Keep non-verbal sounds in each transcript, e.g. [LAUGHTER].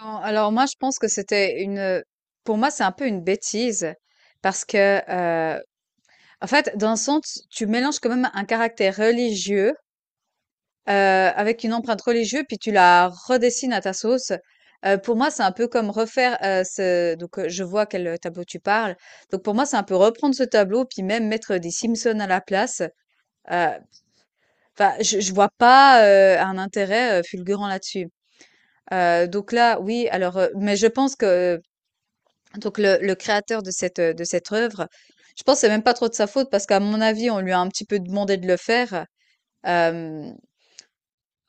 Non, alors moi, je pense que c'était une... Pour moi, c'est un peu une bêtise parce que, en fait, dans le sens, tu mélanges quand même un caractère religieux avec une empreinte religieuse, puis tu la redessines à ta sauce. Pour moi, c'est un peu comme refaire ce... Donc, je vois quel tableau tu parles. Donc, pour moi, c'est un peu reprendre ce tableau, puis même mettre des Simpsons à la place. Euh, Enfin, je vois pas un intérêt fulgurant là-dessus. Donc là, oui, alors, mais je pense que... Donc, le créateur de cette œuvre, je pense que c'est même pas trop de sa faute parce qu'à mon avis, on lui a un petit peu demandé de le faire. Hem,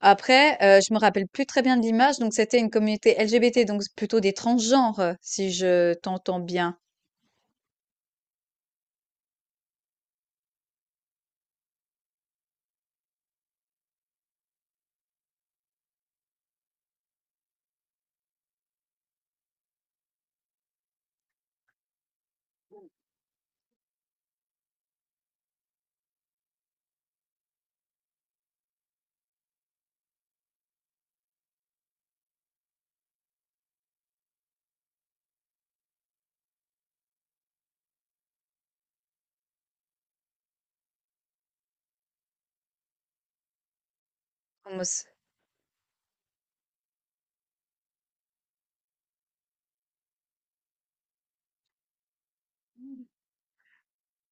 Après, je me rappelle plus très bien de l'image, donc c'était une communauté LGBT, donc c'est plutôt des transgenres, si je t'entends bien. Homo s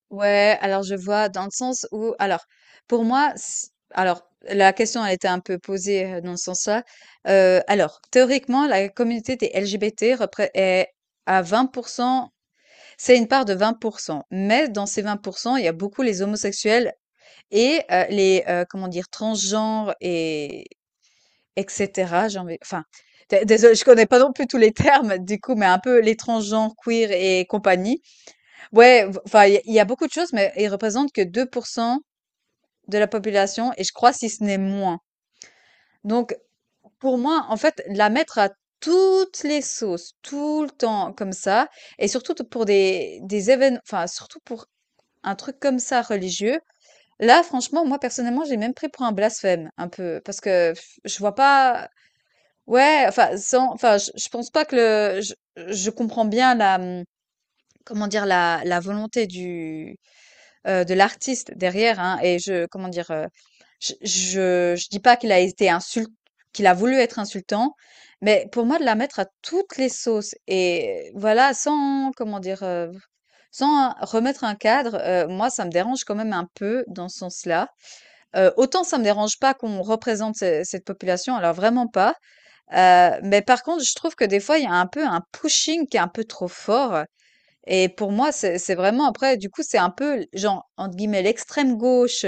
ouais, alors je vois dans le sens où... Alors, pour moi s alors la question a été un peu posée, dans ce sens-là. Alors théoriquement, la communauté des LGBT repré est à 20... C'est une part de 20%, mais dans ces 20% il y a beaucoup les homosexuels et les, comment dire? Transgenres et etc cetera, j'ai envie, enfin, dé désolée, je connais pas non plus tous les [LAUGHS] termes du coup, mais un peu les transgenres, queer et compagnie. Ouais, v enfin, il y a beaucoup de choses, mais ils représentent que 2% de la population, et je crois si ce n'est moins. Donc, pour moi, en fait, la mettre à toutes les sauces, tout le temps comme ça, et surtout pour des événements, enfin surtout pour un truc comme ça, religieux. Là, franchement, moi, personnellement, j'ai même pris pour un blasphème, un peu, parce que, je vois pas. Ouais, enfin, sans, enfin, je pense pas que... Je comprends bien la, comment dire, la volonté du, de l'artiste derrière, hein, et je, comment dire, je dis pas qu'il a été qu'il a voulu être insultant, mais pour moi, de la mettre à toutes les sauces, et voilà, sans, comment dire, sans remettre un cadre, moi, ça me dérange quand même un peu dans ce sens-là. Autant ça me dérange pas qu'on représente cette population, alors vraiment pas. Mais par contre, je trouve que des fois, il y a un peu un pushing qui est un peu trop fort. Et pour moi, c'est vraiment... Après, du coup, c'est un peu, genre, entre guillemets, l'extrême gauche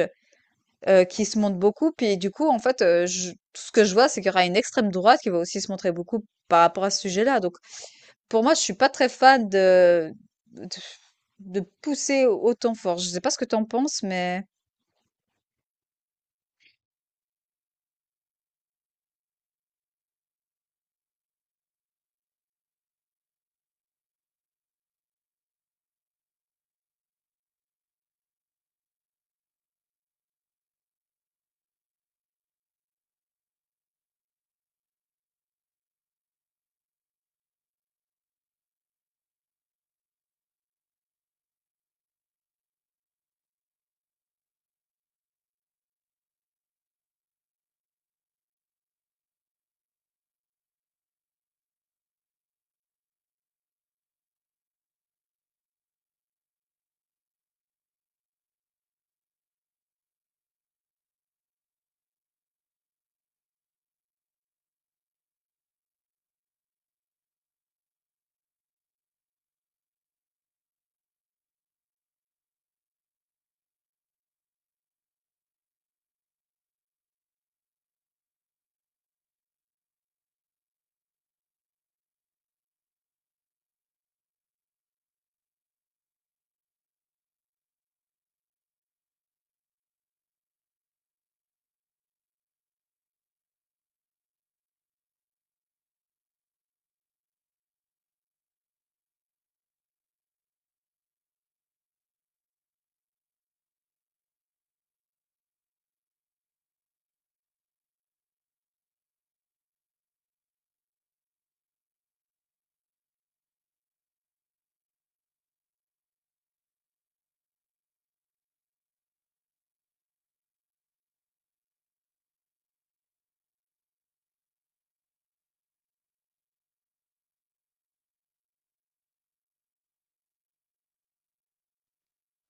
qui se montre beaucoup. Puis du coup, en fait, tout ce que je vois, c'est qu'il y aura une extrême droite qui va aussi se montrer beaucoup par rapport à ce sujet-là. Donc, pour moi, je suis pas très fan de, de, pousser autant fort. Je sais pas ce que t'en penses, mais...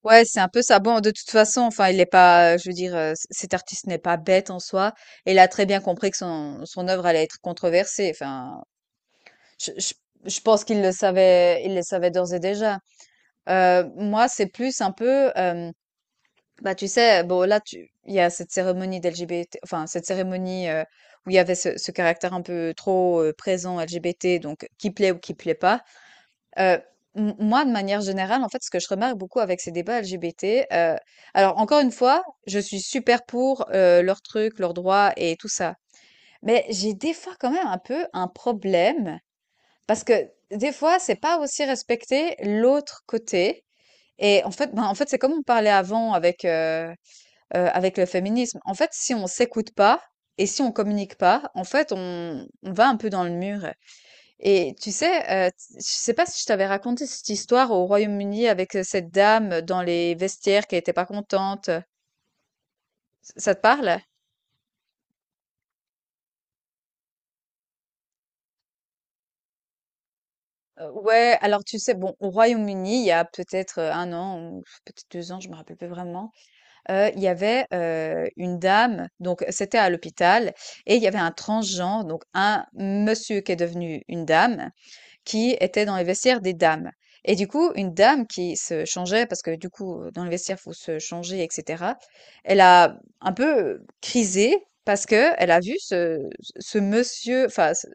Ouais, c'est un peu ça. Bon, de toute façon, enfin, il est pas, je veux dire, cet artiste n'est pas bête en soi. Et il a très bien compris que son œuvre allait être controversée. Enfin, Je, je, je pense qu'il le savait, il le savait d'ores et déjà. Moi, c'est plus un peu, bah tu sais, bon là, il y a cette cérémonie d'LGBT, enfin cette cérémonie où il y avait ce caractère un peu trop présent LGBT, donc qui plaît ou qui plaît pas. Euh, Moi, de manière générale, en fait, ce que je remarque beaucoup avec ces débats LGBT, alors encore une fois, je suis super pour leurs trucs, leurs droits et tout ça, mais j'ai des fois quand même un peu un problème parce que des fois, c'est pas aussi respecter l'autre côté. Et en fait, ben, en fait, c'est comme on parlait avant avec, avec le féminisme. En fait, si on s'écoute pas et si on communique pas, en fait, on va un peu dans le mur. Et tu sais, je sais pas si je t'avais raconté cette histoire au Royaume-Uni avec cette dame dans les vestiaires qui était pas contente. Ça te parle? Ouais, alors tu sais, bon, au Royaume-Uni, il y a peut-être 1 an ou peut-être 2 ans, je me rappelle plus vraiment. Il y avait, une dame, donc c'était à l'hôpital, et il y avait un transgenre, donc un monsieur qui est devenu une dame, qui était dans les vestiaires des dames, et du coup, une dame qui se changeait parce que, du coup, dans les vestiaires, faut se changer et cetera. Elle a un peu, crisé parce que elle a vu ce monsieur, enfin ce,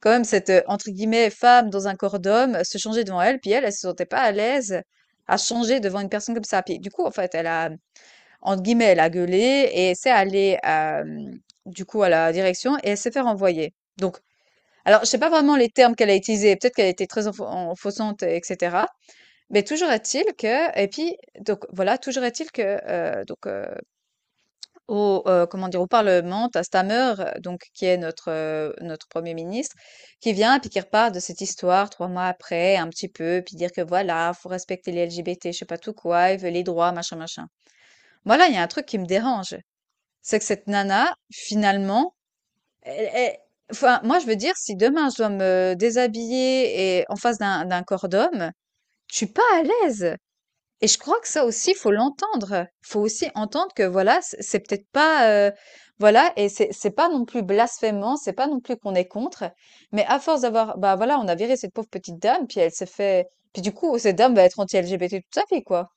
quand même, cette, entre guillemets, «femme dans un corps d'homme» se changer devant elle, puis elle, elle se sentait pas à l'aise à changer devant une personne comme ça. Puis du coup, en fait, elle a, entre guillemets, elle a gueulé, et elle s'est allée du coup à la direction, et elle s'est fait renvoyer. Donc, alors je sais pas vraiment les termes qu'elle a utilisés, peut-être qu'elle a été très enfonçante, etc. Mais toujours est-il que... Et puis donc voilà, toujours est-il que donc au comment dire, au Parlement, t'as Stammer donc qui est notre Premier ministre, qui vient puis qui repart de cette histoire 3 mois après un petit peu, puis dire que voilà, faut respecter les LGBT, je sais pas tout quoi, ils veulent les droits machin machin. Voilà, il y a un truc qui me dérange. C'est que cette nana, finalement, elle, elle- enfin, moi, je veux dire, si demain je dois me déshabiller et en face d'un corps d'homme, je suis pas à l'aise. Et je crois que ça aussi, faut l'entendre. Faut aussi entendre que voilà, c'est peut-être pas, voilà, et c'est pas non plus blasphémant, c'est pas non plus qu'on est contre. Mais à force d'avoir, bah voilà, on a viré cette pauvre petite dame, puis elle s'est fait, puis du coup, cette dame va être anti-LGBT toute sa vie, quoi.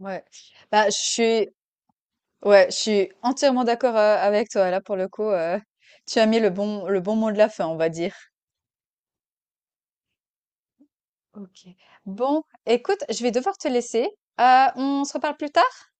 Ouais. Bah, je suis, ouais, je suis entièrement d'accord avec toi. Là, pour le coup, tu as mis le bon mot de la fin, on va dire. Ok. Bon, écoute, je vais devoir te laisser. On se reparle plus tard?